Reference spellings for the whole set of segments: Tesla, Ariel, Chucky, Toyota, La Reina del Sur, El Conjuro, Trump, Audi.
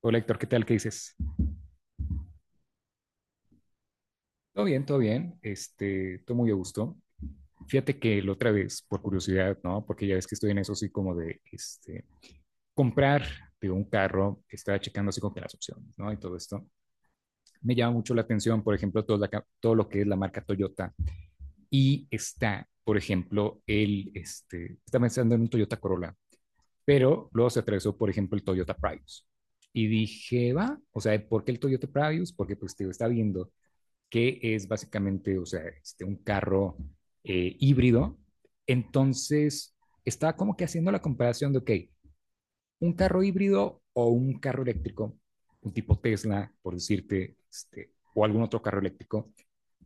Hola Héctor, ¿qué tal? ¿Qué dices? Todo bien, todo bien. Todo muy a gusto. Fíjate que la otra vez, por curiosidad, ¿no? Porque ya ves que estoy en eso así como de, comprar de un carro, estaba checando así como que las opciones, ¿no? Y todo esto. Me llama mucho la atención, por ejemplo, todo, todo lo que es la marca Toyota. Y está, por ejemplo, estaba pensando en un Toyota Corolla, pero luego se atravesó, por ejemplo, el Toyota Prius. Y dije, va, o sea, ¿por qué el Toyota Prius? Porque pues te digo, está viendo que es básicamente, o sea, un carro híbrido. Entonces, estaba como que haciendo la comparación de, ok, un carro híbrido o un carro eléctrico, un tipo Tesla, por decirte, o algún otro carro eléctrico,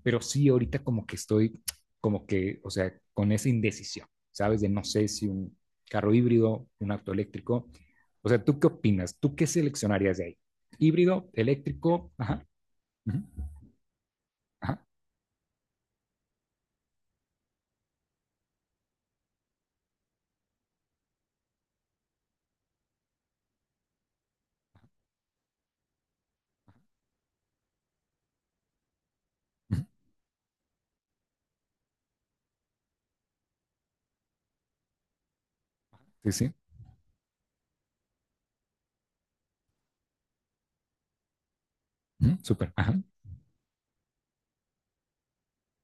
pero sí ahorita como que estoy como que, o sea, con esa indecisión, ¿sabes? De no sé si un carro híbrido, un auto eléctrico. O sea, ¿tú qué opinas? ¿Tú qué seleccionarías de ahí? ¿Híbrido, eléctrico? Ajá. Ajá. Ajá. Sí, sí. Ujú. Súper. Ajá.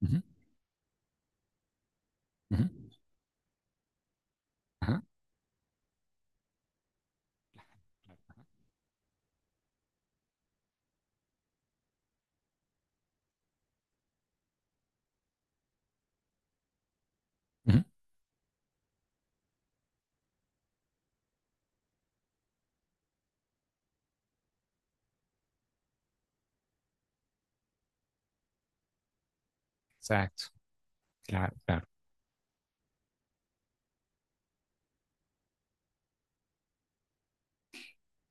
Ujú, ujú, ajá, ujú. Exacto. Claro, claro.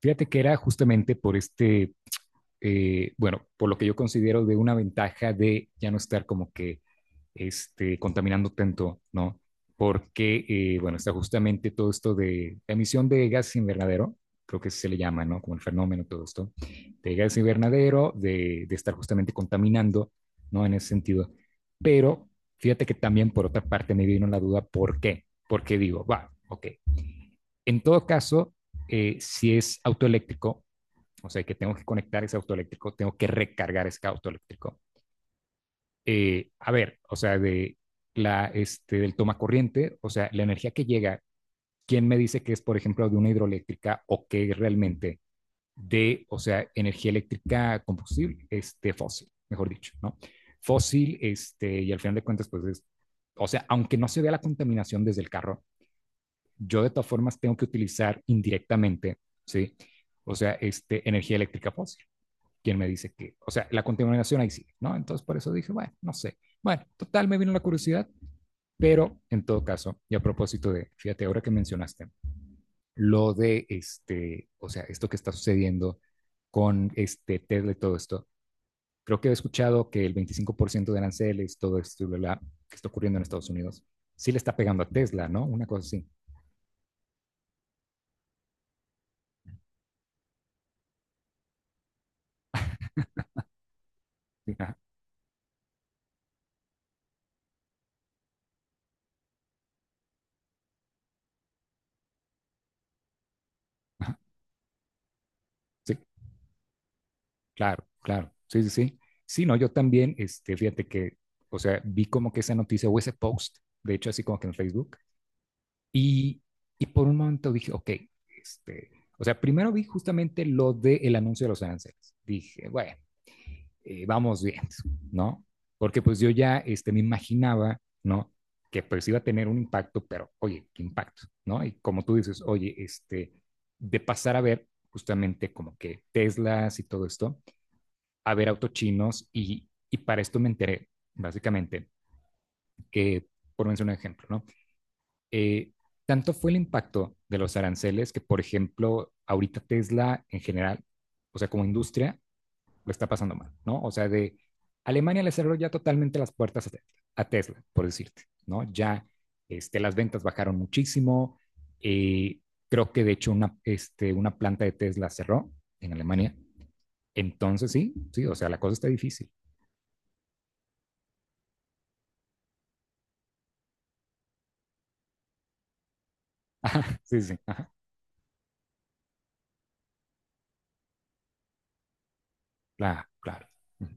Fíjate que era justamente por bueno, por lo que yo considero de una ventaja de ya no estar como que contaminando tanto, ¿no? Porque, bueno, está justamente todo esto de emisión de gases invernadero, creo que se le llama, ¿no? Como el fenómeno, todo esto, de gases invernadero, de estar justamente contaminando, ¿no? En ese sentido. Pero fíjate que también por otra parte me vino la duda, ¿por qué? Porque digo, va, ok. En todo caso, si es autoeléctrico, o sea, que tengo que conectar ese autoeléctrico, tengo que recargar ese autoeléctrico, a ver, o sea, de del toma corriente, o sea, la energía que llega, ¿quién me dice que es, por ejemplo, de una hidroeléctrica o que es realmente de, o sea, energía eléctrica combustible, fósil, mejor dicho, ¿no? Fósil, y al final de cuentas, pues es, o sea, aunque no se vea la contaminación desde el carro, yo de todas formas tengo que utilizar indirectamente, ¿sí? O sea, energía eléctrica fósil. Quién me dice que, o sea, la contaminación ahí sigue, ¿no? Entonces por eso dije, bueno, no sé. Bueno, total, me vino la curiosidad, pero en todo caso, y a propósito de, fíjate, ahora que mencionaste, lo de o sea, esto que está sucediendo con este Tesla y todo esto, creo que he escuchado que el 25% de aranceles, todo esto, y bla, bla, que está ocurriendo en Estados Unidos, sí le está pegando a Tesla, ¿no? Una cosa así. Sí, ajá, ajá, sí. Claro, claro. Sí, sí, sí. Sí, no, yo también, fíjate que, o sea, vi como que esa noticia o ese post, de hecho, así como que en Facebook, y, y por un momento dije, ok, este, o sea, primero vi justamente lo del anuncio de los aranceles. Dije, bueno, vamos bien, ¿no? Porque pues yo ya, me imaginaba, ¿no? Que pues iba a tener un impacto, pero, oye, ¿qué impacto? ¿No? Y como tú dices, oye, de pasar a ver justamente como que Teslas y todo esto, a ver autos chinos y para esto me enteré, básicamente, que, por mencionar un ejemplo, ¿no? Eh, Tanto fue el impacto de los aranceles que, por ejemplo, ahorita Tesla en general, o sea, como industria, lo está pasando mal, ¿no? O sea, de Alemania le cerró ya totalmente las puertas a Tesla, por decirte, ¿no? Ya las ventas bajaron muchísimo. Eh, Creo que de hecho una planta de Tesla cerró en Alemania. Entonces sí, sí, o sea, la cosa está difícil. Sí, sí. Sí. Ajá. Claro, claro. Ujú,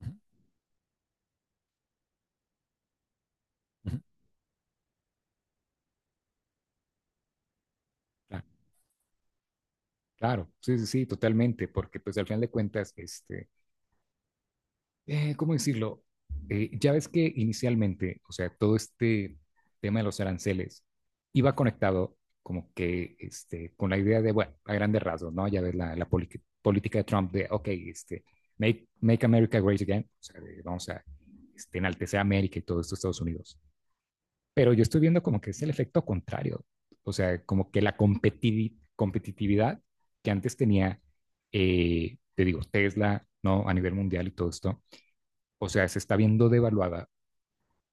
ujú. Claro, claro. Sí, sí, sí, totalmente, porque pues al final de cuentas, ¿cómo decirlo? Ya ves que inicialmente, o sea, todo este tema de los aranceles iba conectado como que con la idea de, bueno, a grandes rasgos, ¿no? Ya ves la política de Trump de, ok, make America great again, o sea, de, vamos a enaltecer a América y todo esto, Estados Unidos. Pero yo estoy viendo como que es el efecto contrario. O sea, como que la competitividad que antes tenía, te digo, Tesla, ¿no? A nivel mundial y todo esto, o sea, se está viendo devaluada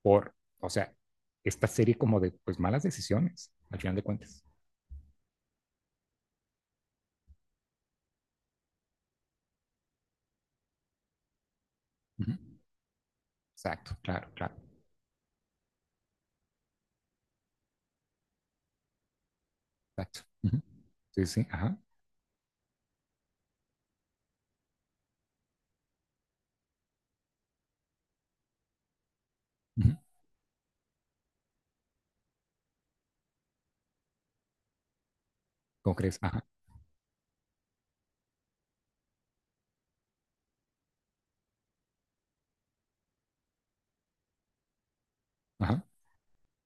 por, o sea, esta serie como de, pues, malas decisiones, al final de cuentas. Ujú. Exacto, claro, claro, exacto. Ujú. Sí, sí, ajá. Ujú. ¿Cómo crees? Ajá, ajá.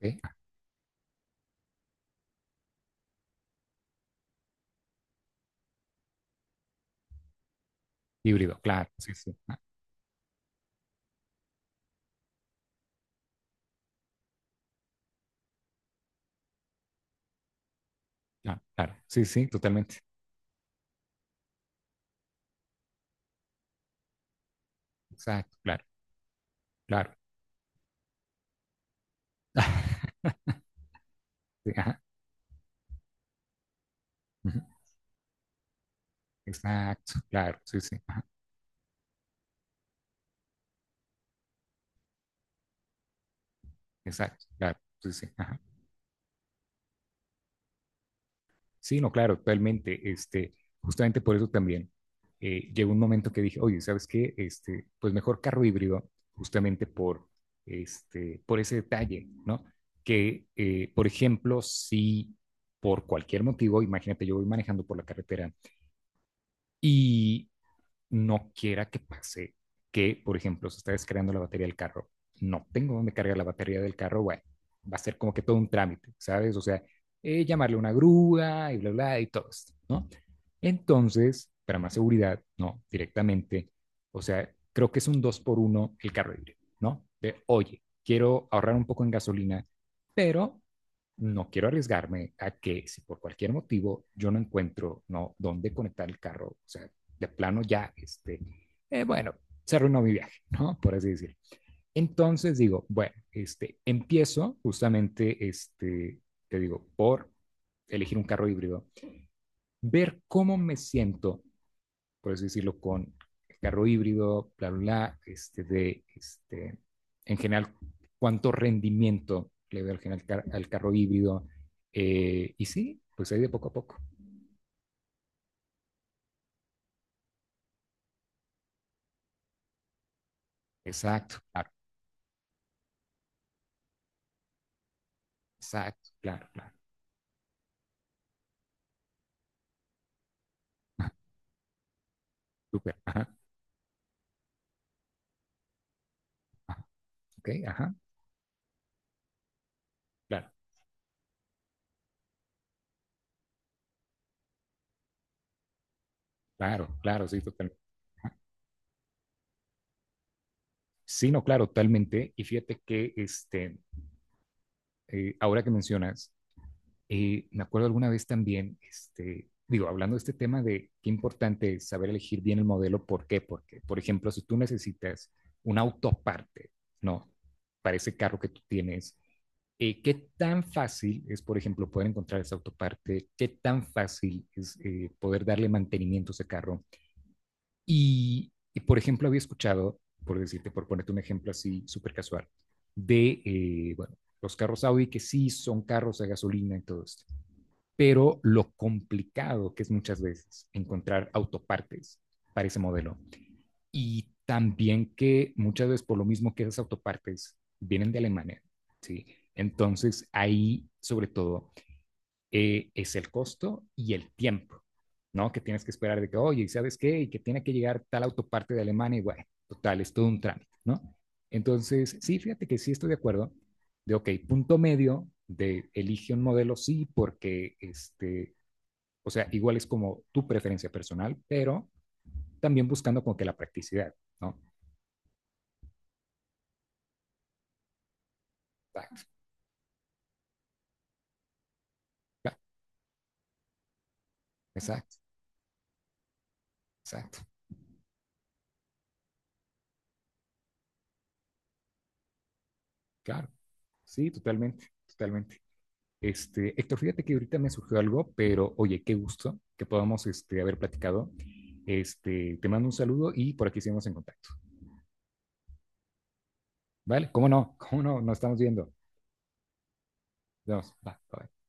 Ok. Ah. Híbrido, claro, sí, sí. Ah, claro, claro. Sí, sí, totalmente. Exacto, claro, claro. Sí, ajá. Ujú. Exacto, claro, sí, sí, ajá, exacto, claro, sí, sí, ajá. Sí, no, claro, totalmente, justamente por eso también llegó un momento que dije, oye, ¿sabes qué? Pues mejor carro híbrido, justamente por ese detalle, ¿no? Que, por ejemplo, si por cualquier motivo, imagínate, yo voy manejando por la carretera, no quiera que pase que, por ejemplo, se está descargando la batería del carro, no tengo dónde cargar la batería del carro, bueno, va a ser como que todo un trámite, ¿sabes? O sea, llamarle una grúa y bla, bla, y todo esto, ¿no? Entonces, para más seguridad, no, directamente, o sea, creo que es un 2 por uno el carro híbrido, ¿no? De, oye, quiero ahorrar un poco en gasolina, pero no quiero arriesgarme a que si por cualquier motivo yo no encuentro, ¿no? Dónde conectar el carro, o sea, de plano ya, bueno, se arruinó mi viaje, ¿no? Por así decirlo. Entonces digo, bueno, empiezo justamente, te digo, por elegir un carro híbrido, ver cómo me siento, por así decirlo, con el carro híbrido, bla, bla, bla, en general, cuánto rendimiento le veo al carro híbrido. Y sí, pues ahí de poco a poco. Exacto, claro, exacto, claro, claro. Súper. Ajá. Ok, ajá, claro, claro, claro, sí, totalmente. Ajá. Sí, no, claro, totalmente. Y fíjate que ahora que mencionas, me acuerdo alguna vez también, digo, hablando de este tema de qué importante es saber elegir bien el modelo, ¿por qué? Porque, por ejemplo, si tú necesitas un auto parte, ¿no? Para ese carro que tú tienes, ¿qué tan fácil es, por ejemplo, poder encontrar ese autoparte? ¿Qué tan fácil es, poder darle mantenimiento a ese carro? Por ejemplo, había escuchado, por decirte, por ponerte un ejemplo así súper casual, de bueno, los carros Audi que sí son carros a gasolina y todo esto, pero lo complicado que es muchas veces encontrar autopartes para ese modelo. Y también que muchas veces por lo mismo que esas autopartes vienen de Alemania, ¿sí? Entonces ahí, sobre todo, es el costo y el tiempo, ¿no? Que tienes que esperar de que, oye, ¿sabes qué? Y que tiene que llegar tal autoparte de Alemania y bueno, total, es todo un trámite, ¿no? Entonces, sí, fíjate que sí estoy de acuerdo de, ok, punto medio de elige un modelo, sí, porque, o sea, igual es como tu preferencia personal, pero también buscando como que la practicidad, ¿no? Exacto, claro, exacto, exacto, claro. Sí, totalmente, totalmente. Héctor, fíjate que ahorita me surgió algo, pero oye, qué gusto que podamos, haber platicado. Te mando un saludo y por aquí seguimos en contacto. ¿Vale? ¿Cómo no? ¿Cómo no? Nos estamos viendo. Nos vemos. Bye, bye.